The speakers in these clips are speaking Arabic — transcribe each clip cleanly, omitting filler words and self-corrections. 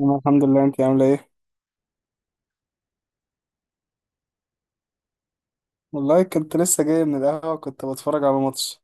أنا الحمد لله، أنت عاملة إيه؟ والله كنت لسه جاي من القهوة، كنت بتفرج على ماتش.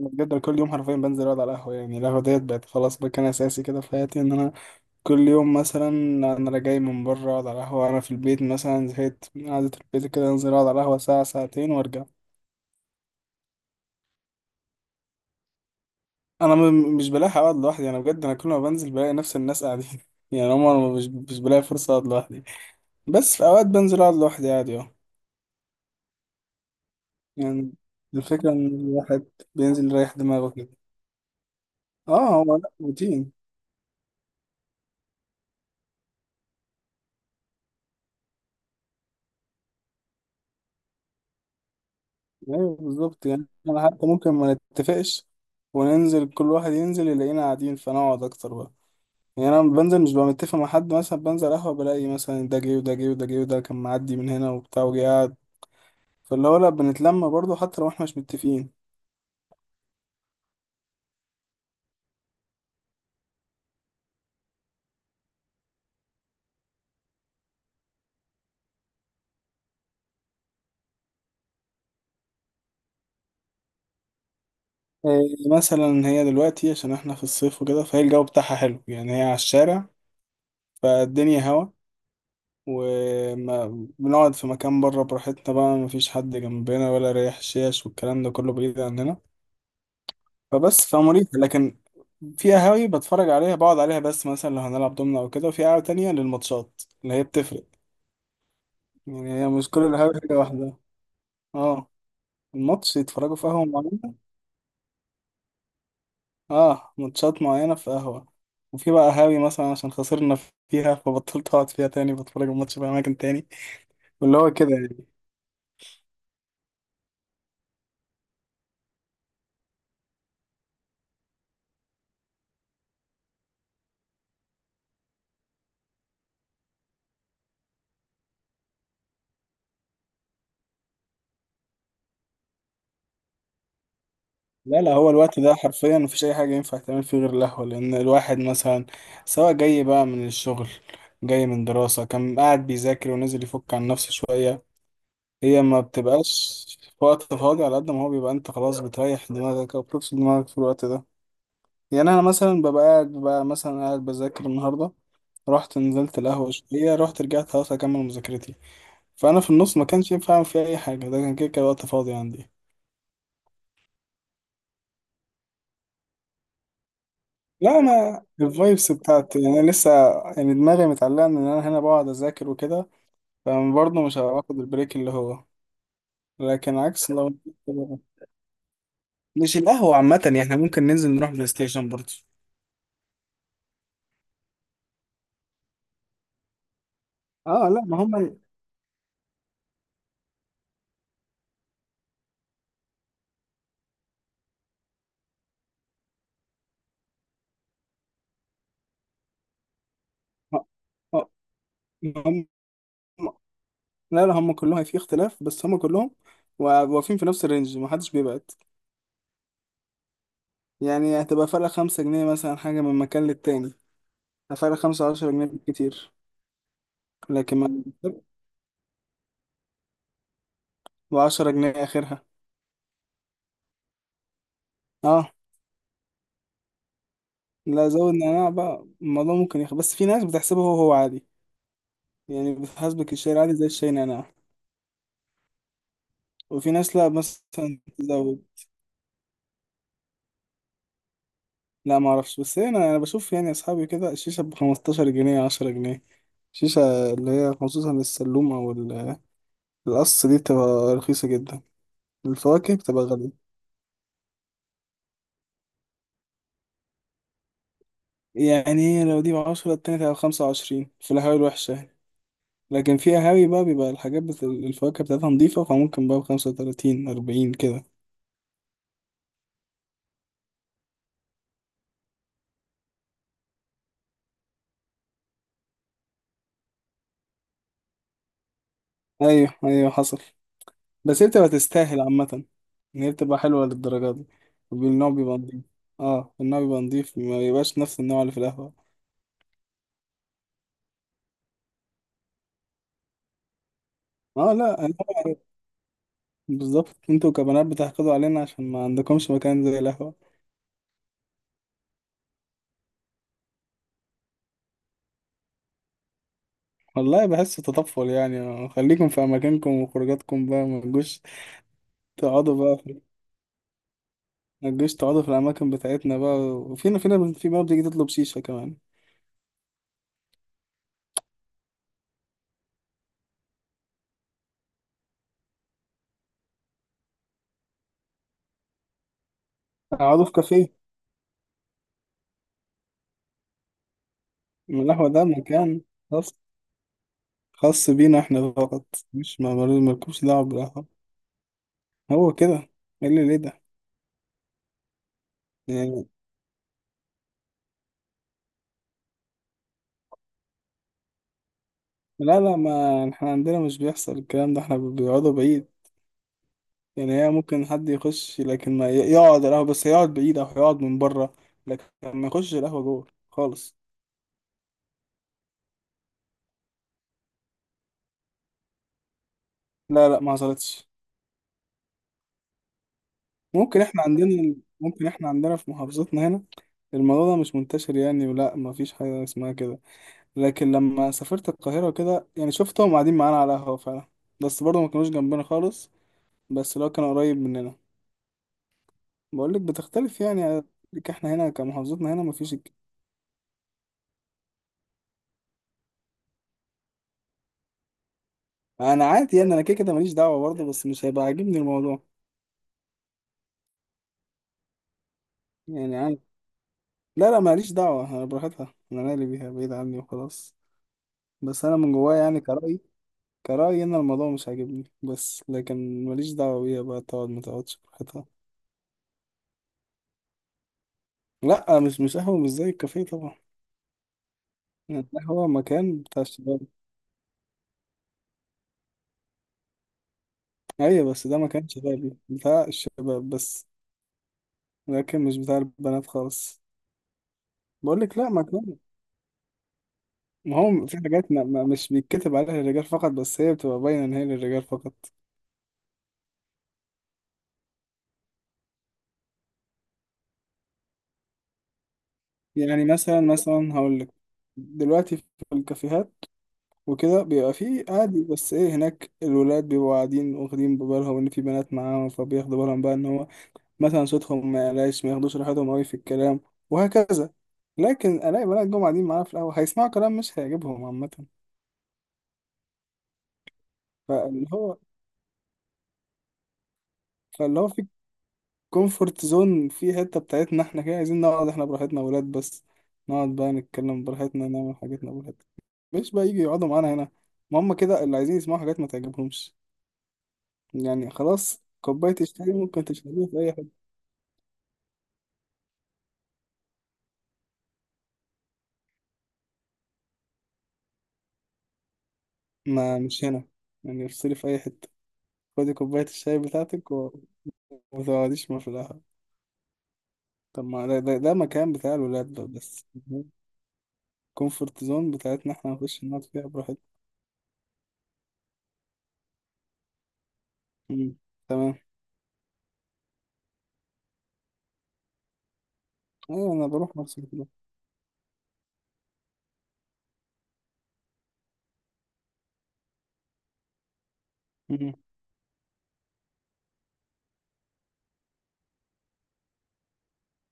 أنا بجد كل يوم حرفيا بنزل أقعد على القهوة، يعني القهوة ديت بقت خلاص مكان أساسي كده في حياتي، إن أنا كل يوم مثلا أنا لا جاي من بره أقعد على القهوة، أنا في البيت مثلا زهقت من قعدة البيت كده أنزل أقعد على القهوة ساعة ساعتين وأرجع. أنا مش بلاحق أقعد لوحدي، أنا بجد أنا كل ما بنزل بلاقي نفس الناس قاعدين. يعني هما مش بلاقي فرصة أقعد لوحدي، بس في أوقات بنزل أقعد لوحدي عادي أه. يعني الفكرة إن الواحد بينزل يريح دماغه كده. اه، هو لا روتين. ايوه بالظبط، يعني احنا حتى ممكن ما نتفقش وننزل، كل واحد ينزل يلاقينا قاعدين فنقعد اكتر بقى. يعني انا بنزل مش ببقى متفق مع حد، مثلا بنزل قهوه بلاقي مثلا ده جه وده جه وده جه وده كان معدي من هنا وبتاع وجه قاعد، فاللي هو لا بنتلم برضه حتى لو احنا مش متفقين. إيه مثلا، هي دلوقتي عشان احنا في الصيف وكده فهي الجو بتاعها حلو، يعني هي على الشارع فالدنيا هوا وما بنقعد في مكان بره براحتنا بقى، مفيش حد جنبنا ولا ريح شيش والكلام ده كله بعيد عننا، فبس فمريحة. لكن في قهاوي بتفرج عليها، بقعد عليها بس مثلا لو هنلعب دومنا او كده، وفي قهوة تانية للماتشات، اللي هي بتفرق. يعني هي مش كل القهاوي حاجة واحدة. اه، الماتش يتفرجوا في قهوة معينة. اه ماتشات معينة في قهوة، وفي بقى قهاوي مثلا عشان خسرنا فيها فبطلت اقعد فيها تاني، بتفرج الماتش في اماكن تاني، واللي هو كده يعني. لا لا، هو الوقت ده حرفيا مفيش اي حاجة ينفع تعمل فيه غير القهوة، لان الواحد مثلا سواء جاي بقى من الشغل، جاي من دراسة كان قاعد بيذاكر ونزل يفك عن نفسه شوية. هي ما بتبقاش في وقت فاضي، على قد ما هو بيبقى انت خلاص بتريح دماغك او بتفصل دماغك في الوقت ده. يعني انا مثلا ببقى قاعد، ببقى مثلا قاعد بذاكر النهارده، رحت نزلت القهوه شويه، رحت رجعت خلاص اكمل مذاكرتي، فانا في النص ما كانش ينفع اعمل فيها اي حاجه، ده كان كده كده وقت فاضي عندي. لا انا الفايبس بتاعتي يعني، انا لسه يعني دماغي متعلقه ان انا هنا بقعد اذاكر وكده، فبرضه مش هاخد البريك اللي هو. لكن عكس لو. مش القهوه عامه، يعني احنا ممكن ننزل نروح بلاي ستيشن برضه. اه لا ما هم. اه، ما هم. لا لا، هم كلهم في اختلاف، بس هم كلهم واقفين في نفس الرينج، ما حدش بيبعد. يعني هتبقى فرق 5 جنيه مثلا، حاجة من مكان للتاني، فرق 5، 10 جنيه بالكتير. لكن ما، و 10 جنيه آخرها. اه لا، زود نعناع بقى الموضوع ممكن يخ... بس في ناس بتحسبه هو هو عادي، يعني بتحسبك الشاي العادي زي الشاي نعناع. وفي ناس لا مثلا تزود. لا ما اعرفش، بس انا انا بشوف يعني اصحابي كده الشيشه ب 15 جنيه، 10 جنيه. الشيشه اللي هي خصوصا السلوم او القص دي بتبقى رخيصه جدا، الفواكه بتبقى غاليه. يعني إيه؟ لو دي بـ 10، التانية تبقى بـ 25 في القهاوي الوحشة يعني. لكن في قهاوي بقى بيبقى الحاجات بت... الفواكه بتاعتها نضيفة، فممكن بقى بـ 35، 40 كده. أيوه أيوه حصل، بس هي بتبقى تستاهل عامة، إن هي بتبقى حلوة للدرجة دي. والنوع بيبقى نضيف. اه النوع بيبقى نضيف، ما بيبقاش نفس النوع اللي في القهوة. اه لا أنا عارف. بالظبط، انتوا كبنات بتحقدوا علينا عشان ما عندكمش مكان زي القهوة. والله بحس تطفل، يعني خليكم في اماكنكم وخروجاتكم بقى، ما تجوش. تقعدوا بقى في... ما تجوش تقعدوا في الاماكن بتاعتنا بقى، وفينا فينا في بقى بتيجي تطلب شيشة كمان. اقعدوا في كافيه. من القهوة ده مكان خاص، خاص بينا احنا فقط. مش ما مالكوش دعوة بالقهوة. هو كده. ايه اللي ليه ده؟ يعني لا لا، ما احنا عندنا مش بيحصل الكلام ده، احنا بيقعدوا بعيد. يعني هي ممكن حد يخش، لكن ما يقعد القهوة، بس يقعد بعيد أو يقعد من بره، لكن ما يخش القهوة جوه خالص. لا لا، ما حصلتش. ممكن احنا عندنا، ممكن احنا عندنا في محافظتنا هنا الموضوع ده مش منتشر يعني، ولا ما فيش حاجة اسمها كده. لكن لما سافرت القاهرة كده يعني شفتهم قاعدين معانا على القهوة فعلا، بس برضه ما كانوش جنبنا خالص. بس لو كان قريب مننا. بقول لك بتختلف يعني، لك احنا هنا كمحافظتنا هنا ما فيش انا عادي يعني، انا كده كده ماليش دعوة برضه، بس مش هيبقى عاجبني الموضوع. يعني لا لا، ماليش دعوة، أنا براحتها، أنا مالي بيها، بعيد عني وخلاص. بس أنا من جوايا يعني كرأيي، كرأيي إن الموضوع مش عاجبني، بس لكن ماليش دعوة بيها بقى، تقعد ما تقعدش براحتها. لا مش قهوة مش زي الكافيه طبعا. يعني القهوة مكان بتاع الشباب. أيوة بس ده مكان شبابي بتاع الشباب بس، لكن مش بتاع البنات خالص. بقولك لا، مكان. ما هو في حاجات مش بيتكتب عليها للرجال فقط، بس هي بتبقى باينة إن هي للرجال فقط. يعني مثلا مثلا هقولك، دلوقتي في الكافيهات وكده بيبقى فيه عادي، بس ايه، هناك الولاد بيبقوا قاعدين واخدين ببالهم ان في بنات معاهم، فبياخدوا بالهم بقى ان هو مثلا صوتهم ما يعلاش، ما ياخدوش راحتهم قوي في الكلام، وهكذا. لكن الاقي بنات جم قاعدين معانا في القهوه هيسمعوا كلام مش هيعجبهم عامه. فاللي هو، فاللي هو في كومفورت زون في حته بتاعتنا احنا كده، عايزين نقعد احنا براحتنا ولاد بس، نقعد بقى نتكلم براحتنا، نعمل حاجتنا براحتنا، مش بقى يجي يقعدوا معانا هنا. ما هم كده اللي عايزين يسمعوا حاجات ما تعجبهمش، يعني خلاص كوباية الشاي ممكن تشربيها في أي حتة. ما مش هنا، يعني افصلي في أي حتة، خدي كوباية الشاي بتاعتك و... وتقعديش مفلاها. طب ما ده مكان بتاع الولاد ده بس، كومفورت زون بتاعتنا احنا نخش نقعد فيها براحتنا. مم. تمام. أيوة أنا بروح نفس كده. مم.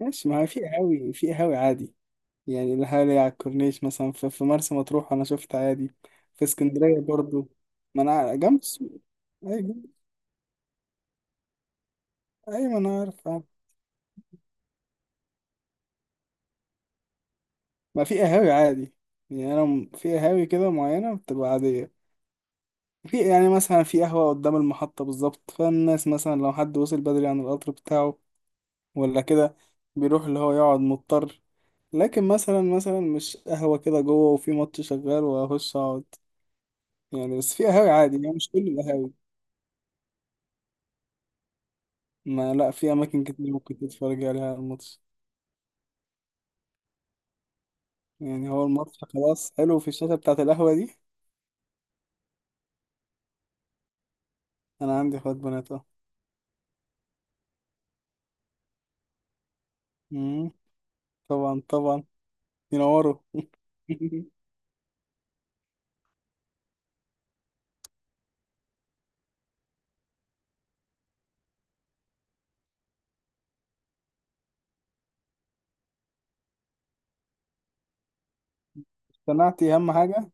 ماشي ما هو في قهاوي، في قهاوي عادي. يعني القهاوي على الكورنيش مثلا في مرسى مطروح أنا شفت عادي، في اسكندرية برضو. ما أنا جنب السوق. أيوة جنب-. أيوة ما أنا عارف. ما في قهاوي عادي، يعني انا في قهاوي كده معينه بتبقى عاديه. في يعني مثلا في قهوه قدام المحطه بالظبط، فالناس مثلا لو حد وصل بدري عن القطر بتاعه ولا كده بيروح اللي هو يقعد مضطر. لكن مثلا مثلا مش قهوه كده جوه وفي ماتش شغال واخش اقعد يعني، بس في قهاوي عادي، يعني مش كل القهاوي. ما لا، في اماكن كتير ممكن تتفرج عليها على الماتش. يعني هو الماتش خلاص حلو في الشاشه بتاعت القهوه دي. انا عندي اخوات بنات اه. مم، طبعا طبعا، ينوروا. اقتنعتي؟ اهم حاجة.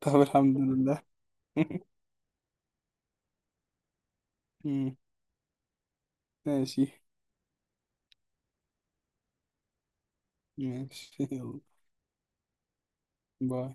طب الحمد لله. مم. ماشي. ماشي يلا. باي.